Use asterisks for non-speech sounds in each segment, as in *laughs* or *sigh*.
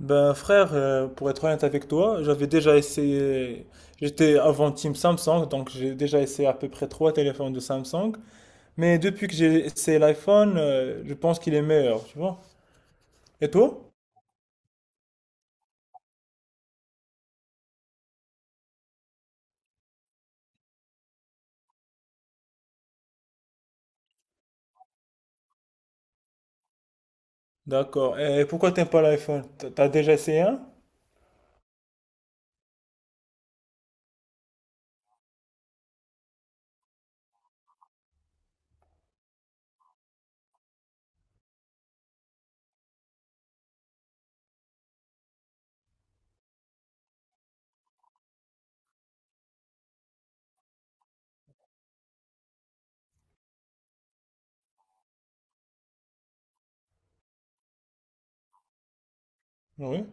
Ben frère, pour être honnête avec toi, j'avais déjà essayé, j'étais avant Team Samsung, donc j'ai déjà essayé à peu près trois téléphones de Samsung, mais depuis que j'ai essayé l'iPhone, je pense qu'il est meilleur, tu vois. Et toi? D'accord. Et pourquoi t'aimes pas l'iPhone? T'as déjà essayé un? Oui.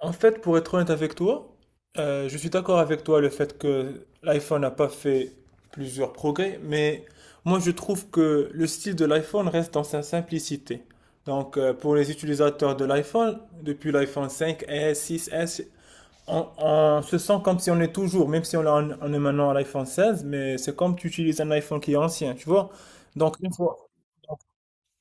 En fait, pour être honnête avec toi, je suis d'accord avec toi le fait que l'iPhone n'a pas fait plusieurs progrès, mais moi je trouve que le style de l'iPhone reste dans sa simplicité. Donc pour les utilisateurs de l'iPhone, depuis l'iPhone 5, s six, on se sent comme si on est toujours, même si on est maintenant à l'iPhone 16. Mais c'est comme tu utilises un iPhone qui est ancien, tu vois. Donc une fois,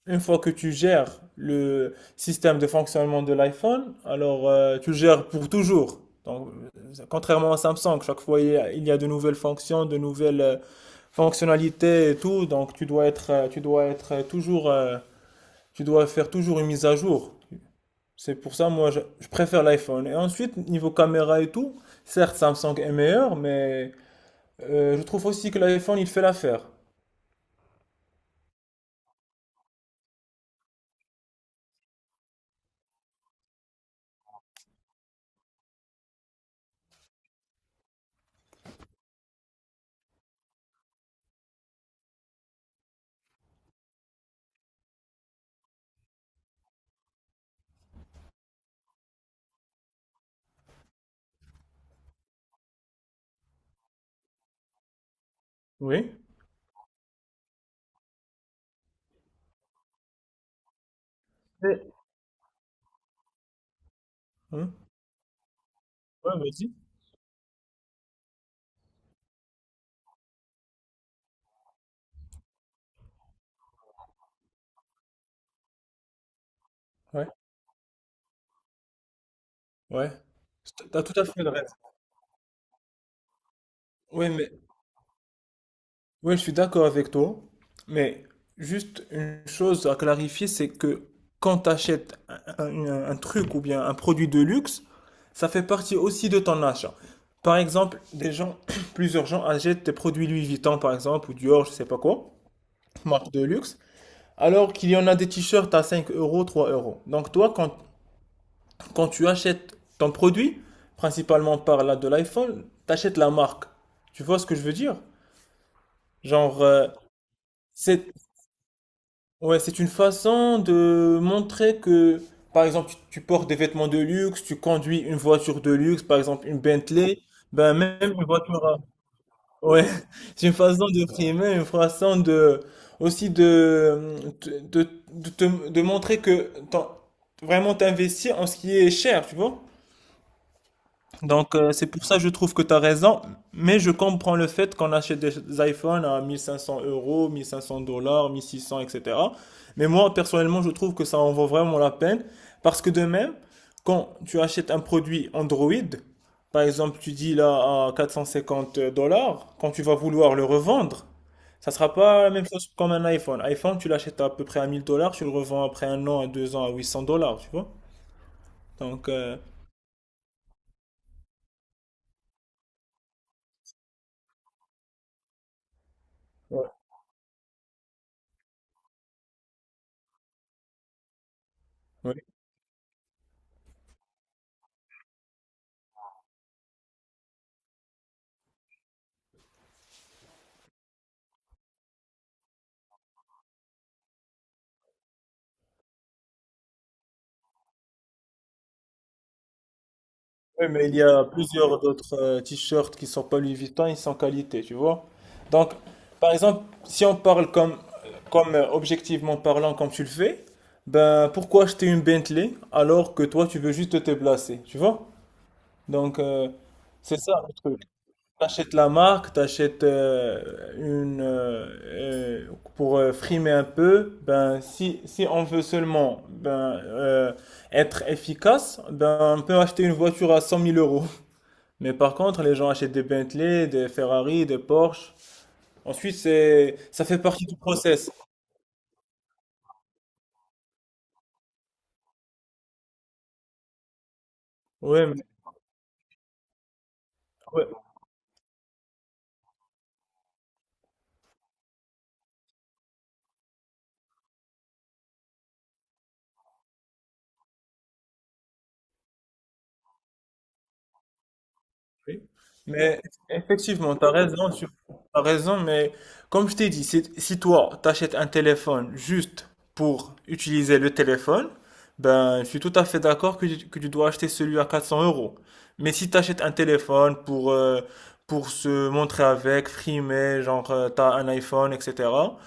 une fois que tu gères le système de fonctionnement de l'iPhone, alors tu le gères pour toujours. Donc, contrairement à Samsung, chaque fois il y a de nouvelles fonctions, de nouvelles fonctionnalités et tout, donc tu dois être toujours, tu dois faire toujours une mise à jour. C'est pour ça, moi, je préfère l'iPhone. Et ensuite, niveau caméra et tout, certes, Samsung est meilleur, mais je trouve aussi que l'iPhone, il fait l'affaire. Oui. Mais- Hein. Ouais, vas-y. Ouais. Ouais, t'as tout à fait le reste. Oui, mais oui, je suis d'accord avec toi. Mais juste une chose à clarifier, c'est que quand tu achètes un truc ou bien un produit de luxe, ça fait partie aussi de ton achat. Par exemple, des gens, *clears throat* plusieurs gens achètent des produits Louis Vuitton, par exemple, ou Dior, je sais pas quoi, marque de luxe, alors qu'il y en a des t-shirts à 5 euros, 3 euros. Donc toi, quand tu achètes ton produit, principalement par là de l'iPhone, tu achètes la marque. Tu vois ce que je veux dire? Genre, c'est, ouais, c'est une façon de montrer que, par exemple, tu portes des vêtements de luxe, tu conduis une voiture de luxe, par exemple une Bentley, ben même une voiture. Ouais, *laughs* c'est une façon de primer, une façon de, aussi de, de montrer que vraiment t'investis en ce qui est cher, tu vois? Donc, c'est pour ça je trouve que tu as raison, mais je comprends le fait qu'on achète des iPhones à 1500 euros, 1500 dollars, 1600, etc. Mais moi, personnellement, je trouve que ça en vaut vraiment la peine parce que de même, quand tu achètes un produit Android, par exemple, tu dis là à 450 dollars, quand tu vas vouloir le revendre, ça sera pas la même chose comme un iPhone. iPhone, tu l'achètes à peu près à 1000 dollars, tu le revends après un an, à 2 ans à 800 dollars, tu vois. Donc, ouais. Oui, mais il y a plusieurs d'autres t-shirts qui sont pas Louis Vuitton, ils sont qualité, tu vois. Donc, par exemple, si on parle comme, comme objectivement parlant, comme tu le fais, ben pourquoi acheter une Bentley alors que toi tu veux juste te placer, tu vois? Donc, c'est ça le truc. T'achètes la marque, t'achètes une euh, pour frimer un peu. Ben si on veut seulement ben être efficace, ben on peut acheter une voiture à cent mille euros. Mais par contre, les gens achètent des Bentley, des Ferrari, des Porsche. Ensuite, c'est, ça fait partie du process. Ouais. Oui. Mais effectivement, tu as raison, mais comme je t'ai dit, si toi, t'achètes un téléphone juste pour utiliser le téléphone, ben, je suis tout à fait d'accord que, que tu dois acheter celui à 400 euros. Mais si tu achètes un téléphone pour se montrer avec, frimer, genre, t'as un iPhone, etc.,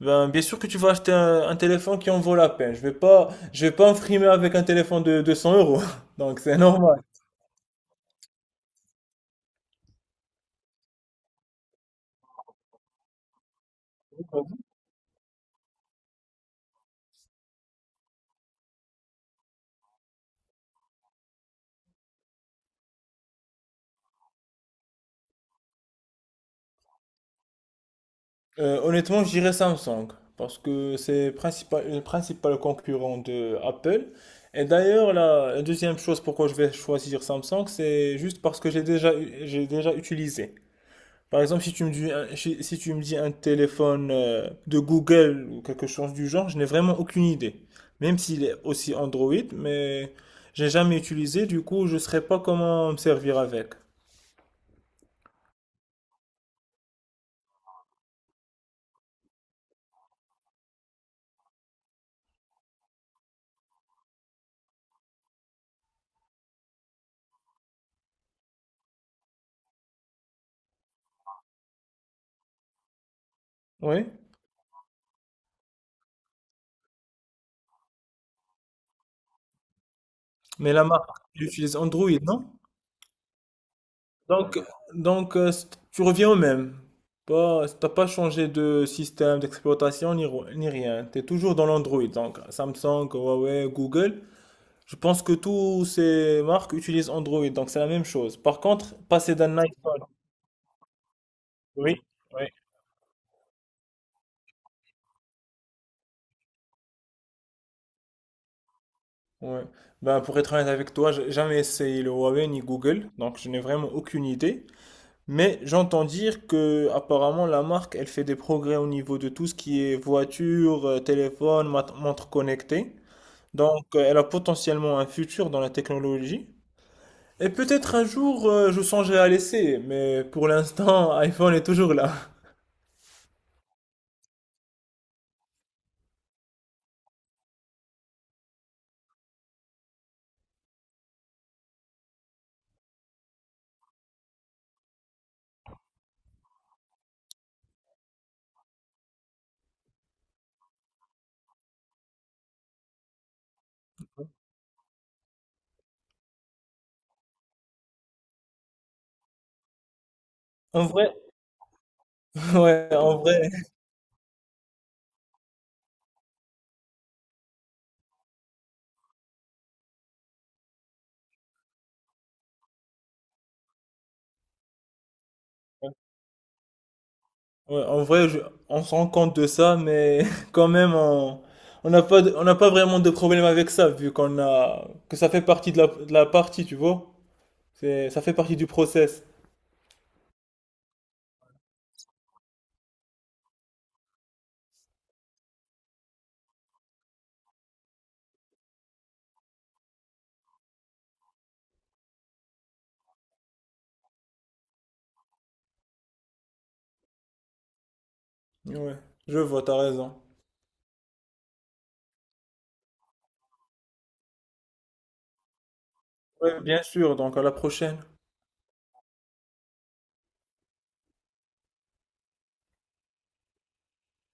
ben, bien sûr que tu vas acheter un téléphone qui en vaut la peine. Je vais pas me frimer avec un téléphone de 200 euros. *laughs* Donc, c'est normal. Honnêtement, je dirais Samsung, parce que c'est principal, le principal concurrent de Apple. Et d'ailleurs, la deuxième chose pourquoi je vais choisir Samsung, c'est juste parce que j'ai déjà, j'ai déjà utilisé. Par exemple, si tu me dis un, si, si tu me dis un téléphone de Google ou quelque chose du genre, je n'ai vraiment aucune idée. Même s'il est aussi Android, mais j'ai jamais utilisé, du coup, je ne saurais pas comment me servir avec. Oui, mais la marque, elle utilise Android, non? Donc, donc euh, c- tu reviens au même. Pas, T'as pas changé de système d'exploitation ni rien. Tu es toujours dans l'Android. Donc, Samsung, Huawei, Google. Je pense que toutes ces marques utilisent Android. Donc, c'est la même chose. Par contre, passer d'un iPhone. Oui, oui. Ouais. Ben, pour être honnête avec toi, j'ai jamais essayé le Huawei ni Google. Donc, je n'ai vraiment aucune idée. Mais j'entends dire que apparemment la marque elle fait des progrès au niveau de tout ce qui est voiture, téléphone, montre connectée. Donc, elle a potentiellement un futur dans la technologie. Et peut-être un jour, je songerai à l'essayer, mais pour l'instant, *laughs* iPhone est toujours là. En vrai, *laughs* ouais, en vrai, ouais, en vrai, on se rend compte de ça, mais *laughs* quand même, on n'a pas, on n'a pas vraiment de problème avec ça, vu qu'on a, que ça fait partie de la partie, tu vois. Ça fait partie du process. Ouais, je vois, t'as raison. Ouais, bien sûr, donc à la prochaine.